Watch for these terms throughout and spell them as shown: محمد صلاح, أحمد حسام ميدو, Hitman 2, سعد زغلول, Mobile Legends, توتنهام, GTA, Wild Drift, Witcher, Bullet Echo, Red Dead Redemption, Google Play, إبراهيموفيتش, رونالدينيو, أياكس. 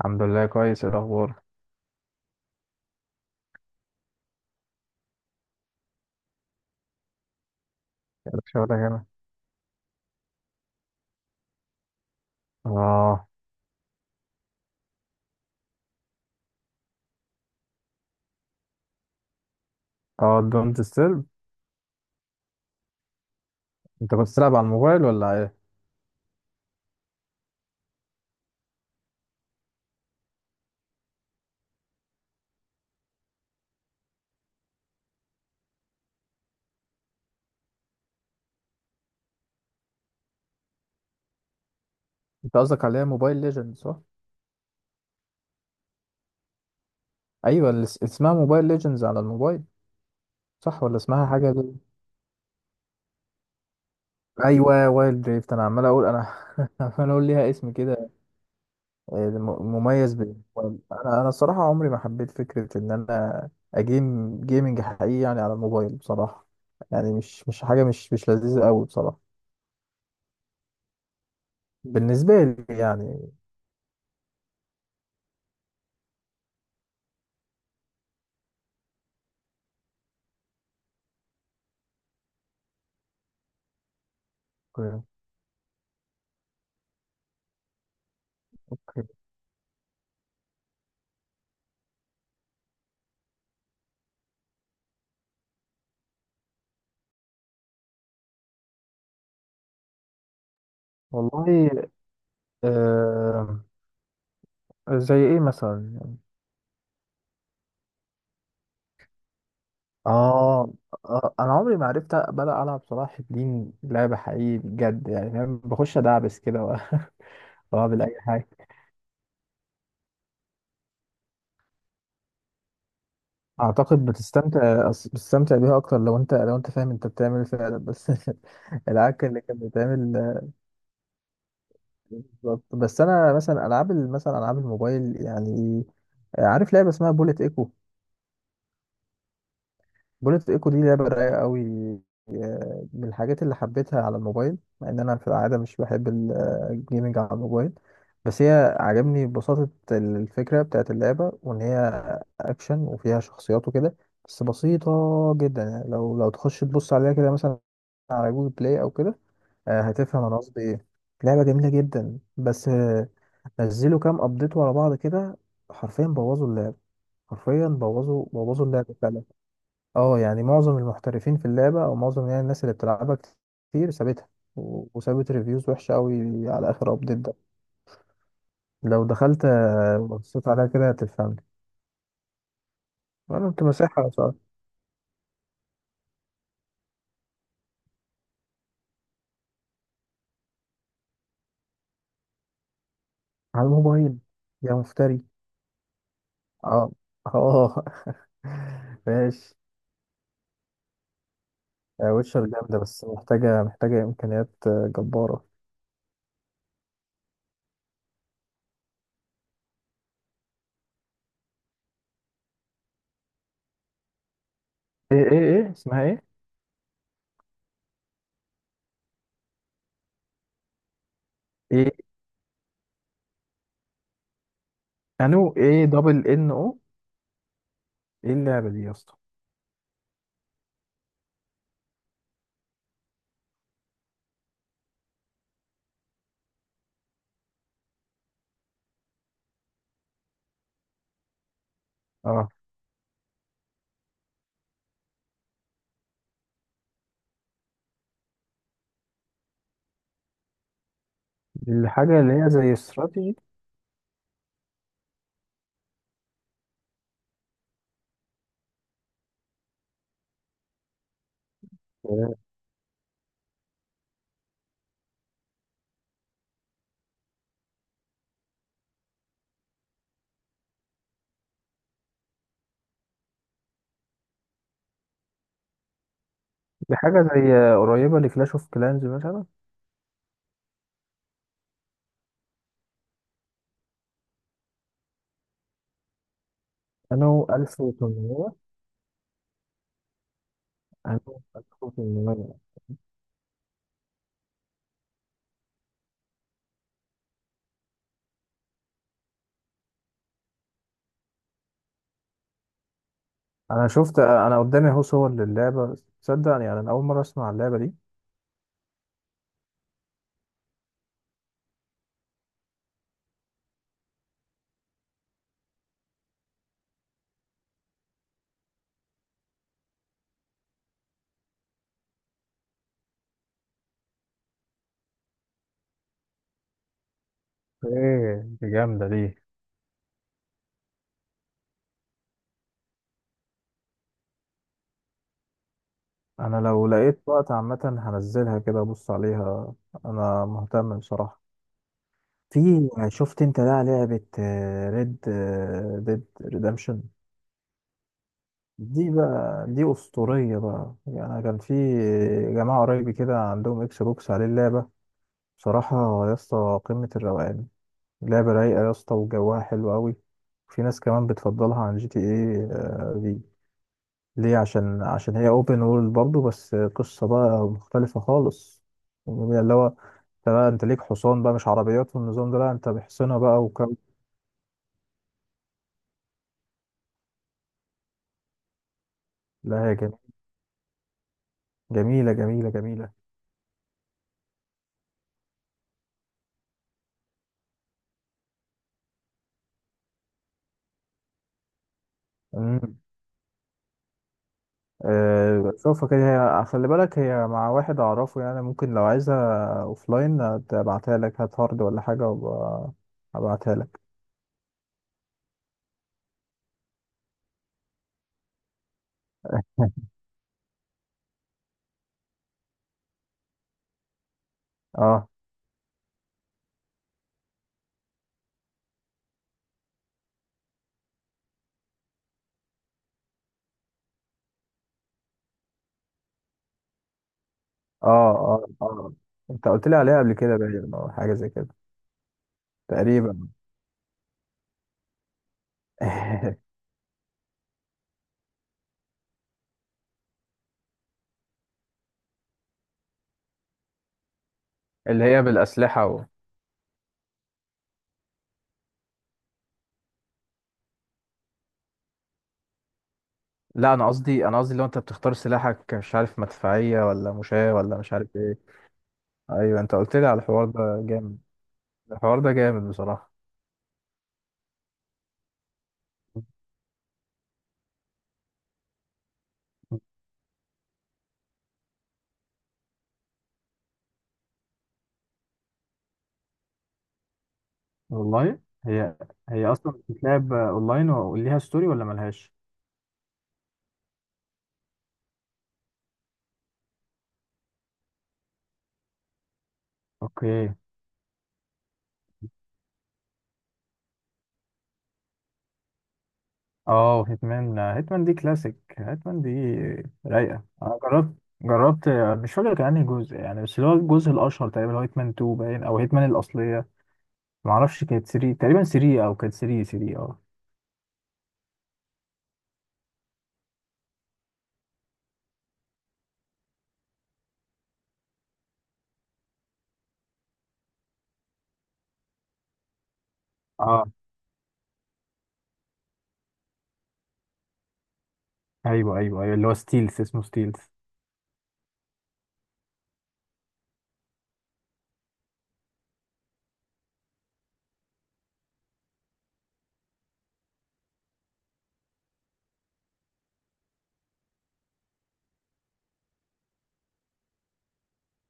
الحمد لله كويس. إيه الاخبار؟ إيه شغلك هنا؟ اه اه. دونت ديسترب. انت كنت بتلعب على الموبايل ولا ايه؟ انت قصدك عليها موبايل ليجند، صح؟ ايوه، اللي اسمها موبايل ليجندز على الموبايل. صح ولا اسمها حاجه دي؟ ايوه وايلد دريفت. انا عمال اقول، انا عمال اقول ليها اسم كده. مميز بالموبايل. انا الصراحه عمري ما حبيت فكره ان انا جيمنج حقيقي يعني على الموبايل بصراحه. يعني مش حاجه مش لذيذه قوي بصراحه، بالنسبه لي يعني. أوكي. والله. آه زي ايه مثلا يعني؟ آه, اه انا عمري ما عرفت بلا العب صلاح الدين لعبه حقيقي بجد، يعني فاهم، بخش ادعبس كده واعمل اي حاجه. اعتقد بتستمتع بيها اكتر لو انت، لو انت فاهم انت بتعمل ايه فعلا، بس العك اللي كان بيتعمل. بالظبط. بس انا مثلا مثلا العاب الموبايل يعني. عارف لعبه اسمها بوليت ايكو؟ بوليت ايكو دي لعبه رايقه قوي. من الحاجات اللي حبيتها على الموبايل، مع ان انا في العاده مش بحب الجيمنج على الموبايل. بس هي عجبني ببساطه الفكره بتاعت اللعبه، وان هي اكشن وفيها شخصيات وكده. بس بسيطه جدا يعني، لو تخش تبص عليها كده مثلا على جوجل بلاي او كده، هتفهم انا قصدي ايه. لعبه جميله جدا بس، نزلوا كام ابديت ورا بعض كده، حرفيا بوظوا اللعبه. حرفيا بوظوا اللعبه فعلا. اه يعني معظم المحترفين في اللعبة، او معظم يعني الناس اللي بتلعبها كتير سابتها، وسابت ريفيوز وحشة قوي على اخر ابديت ده. لو دخلت وبصيت عليها كده هتفهمني. انا كنت مساحة على الموبايل. يا مفتري. اه اه. ماشي. ويتشر جامدة، بس محتاجة، محتاجة امكانيات آه، جبارة. ايه؟ ايه اسمها ايه؟ ايه؟ انو ايه، دبل ان او؟ ايه اللعبة دي يا اسطى؟ اه. دي الحاجة اللي هي زي استراتيجي؟ دي حاجة زي قريبة لكلاش اوف كلانز مثلا؟ انا 1800. انا 1800؟ انا شفت، انا قدامي اهو صور للعبة. تصدق يعني انا اول مرة اسمع اللعبة دي؟ ايه دي، جامدة دي. انا لو لقيت وقت عامة هنزلها كده ابص عليها. انا مهتم بصراحة. في، شفت انت بقى لعبة ريد ديد ريدمشن؟ دي بقى، دي اسطورية بقى. يعني أنا كان في جماعة قريبي كده عندهم اكس بوكس عليه اللعبة. بصراحة يا اسطى قمة الروقان. لعبة رايقة يا اسطى، وجوها حلو قوي. في ناس كمان بتفضلها عن جي تي ايه دي. ليه؟ عشان هي اوبن وورلد برضه، بس قصة بقى مختلفة خالص. يعني اللي هو انت بقى، انت ليك حصان بقى، مش عربيات والنظام ده، لا انت بحصنة بقى وكم. لا هي جميلة جميلة جميلة. امم أه شوفها كده. هي خلي بالك، هي مع واحد اعرفه يعني، ممكن لو عايزها اوفلاين ابعتها لك. هات هارد ولا حاجة وابقى ابعتها لك. اه اه. انت قلت لي عليها قبل كده، باين او حاجه زي كده. تقريبا. اللي هي بالاسلحه و... لا انا قصدي، انا قصدي لو انت بتختار سلاحك، مش عارف مدفعيه ولا مشاة ولا مش عارف ايه. ايوه انت قلت لي على الحوار ده، جامد. الحوار ده جامد بصراحه. والله. هي، هي اصلا بتتلعب اونلاين وليها ستوري ولا ملهاش؟ اوكي. اه، هيتمان دي كلاسيك. هيتمان دي رايقة. انا جربت، جربت. مش فاكر كان انهي جزء يعني، بس اللي هو الجزء الاشهر تقريبا اللي هو هيتمان 2، باين او هيتمان الاصلية. معرفش، كانت 3 تقريبا، 3 او كانت 3، 3. اه اه. ايوه ايوه ايوه اللي هو ستيلز، اسمه ستيلز.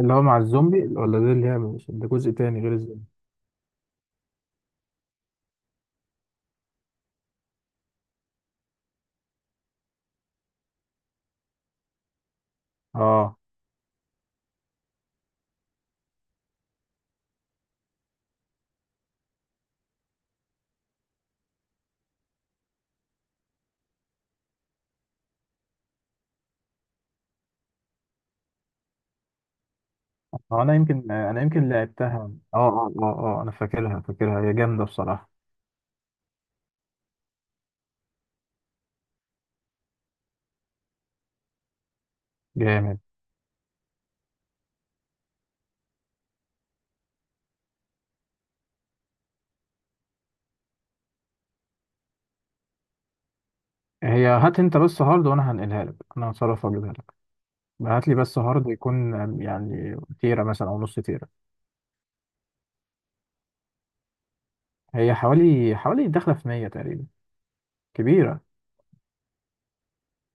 اللي هو مع الزومبي؟ ولا ده اللي هي، مش ده جزء تاني غير الزومبي؟ اه. هو انا يمكن، انا يمكن لعبتها. اه اه اه اه انا فاكرها، فاكرها. هي جامدة بصراحة. جامد. هي هات انت بس هارد وانا هنقلها لك. انا هتصرف اجيبها. بعت لي بس هارد يكون يعني تيرا مثلا او نص تيرا. هي حوالي، حوالي داخله في 100 تقريبا. كبيره.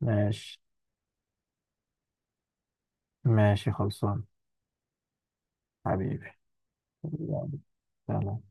ماشي. ماشي خلصان. حبيبي. يلا، سلام.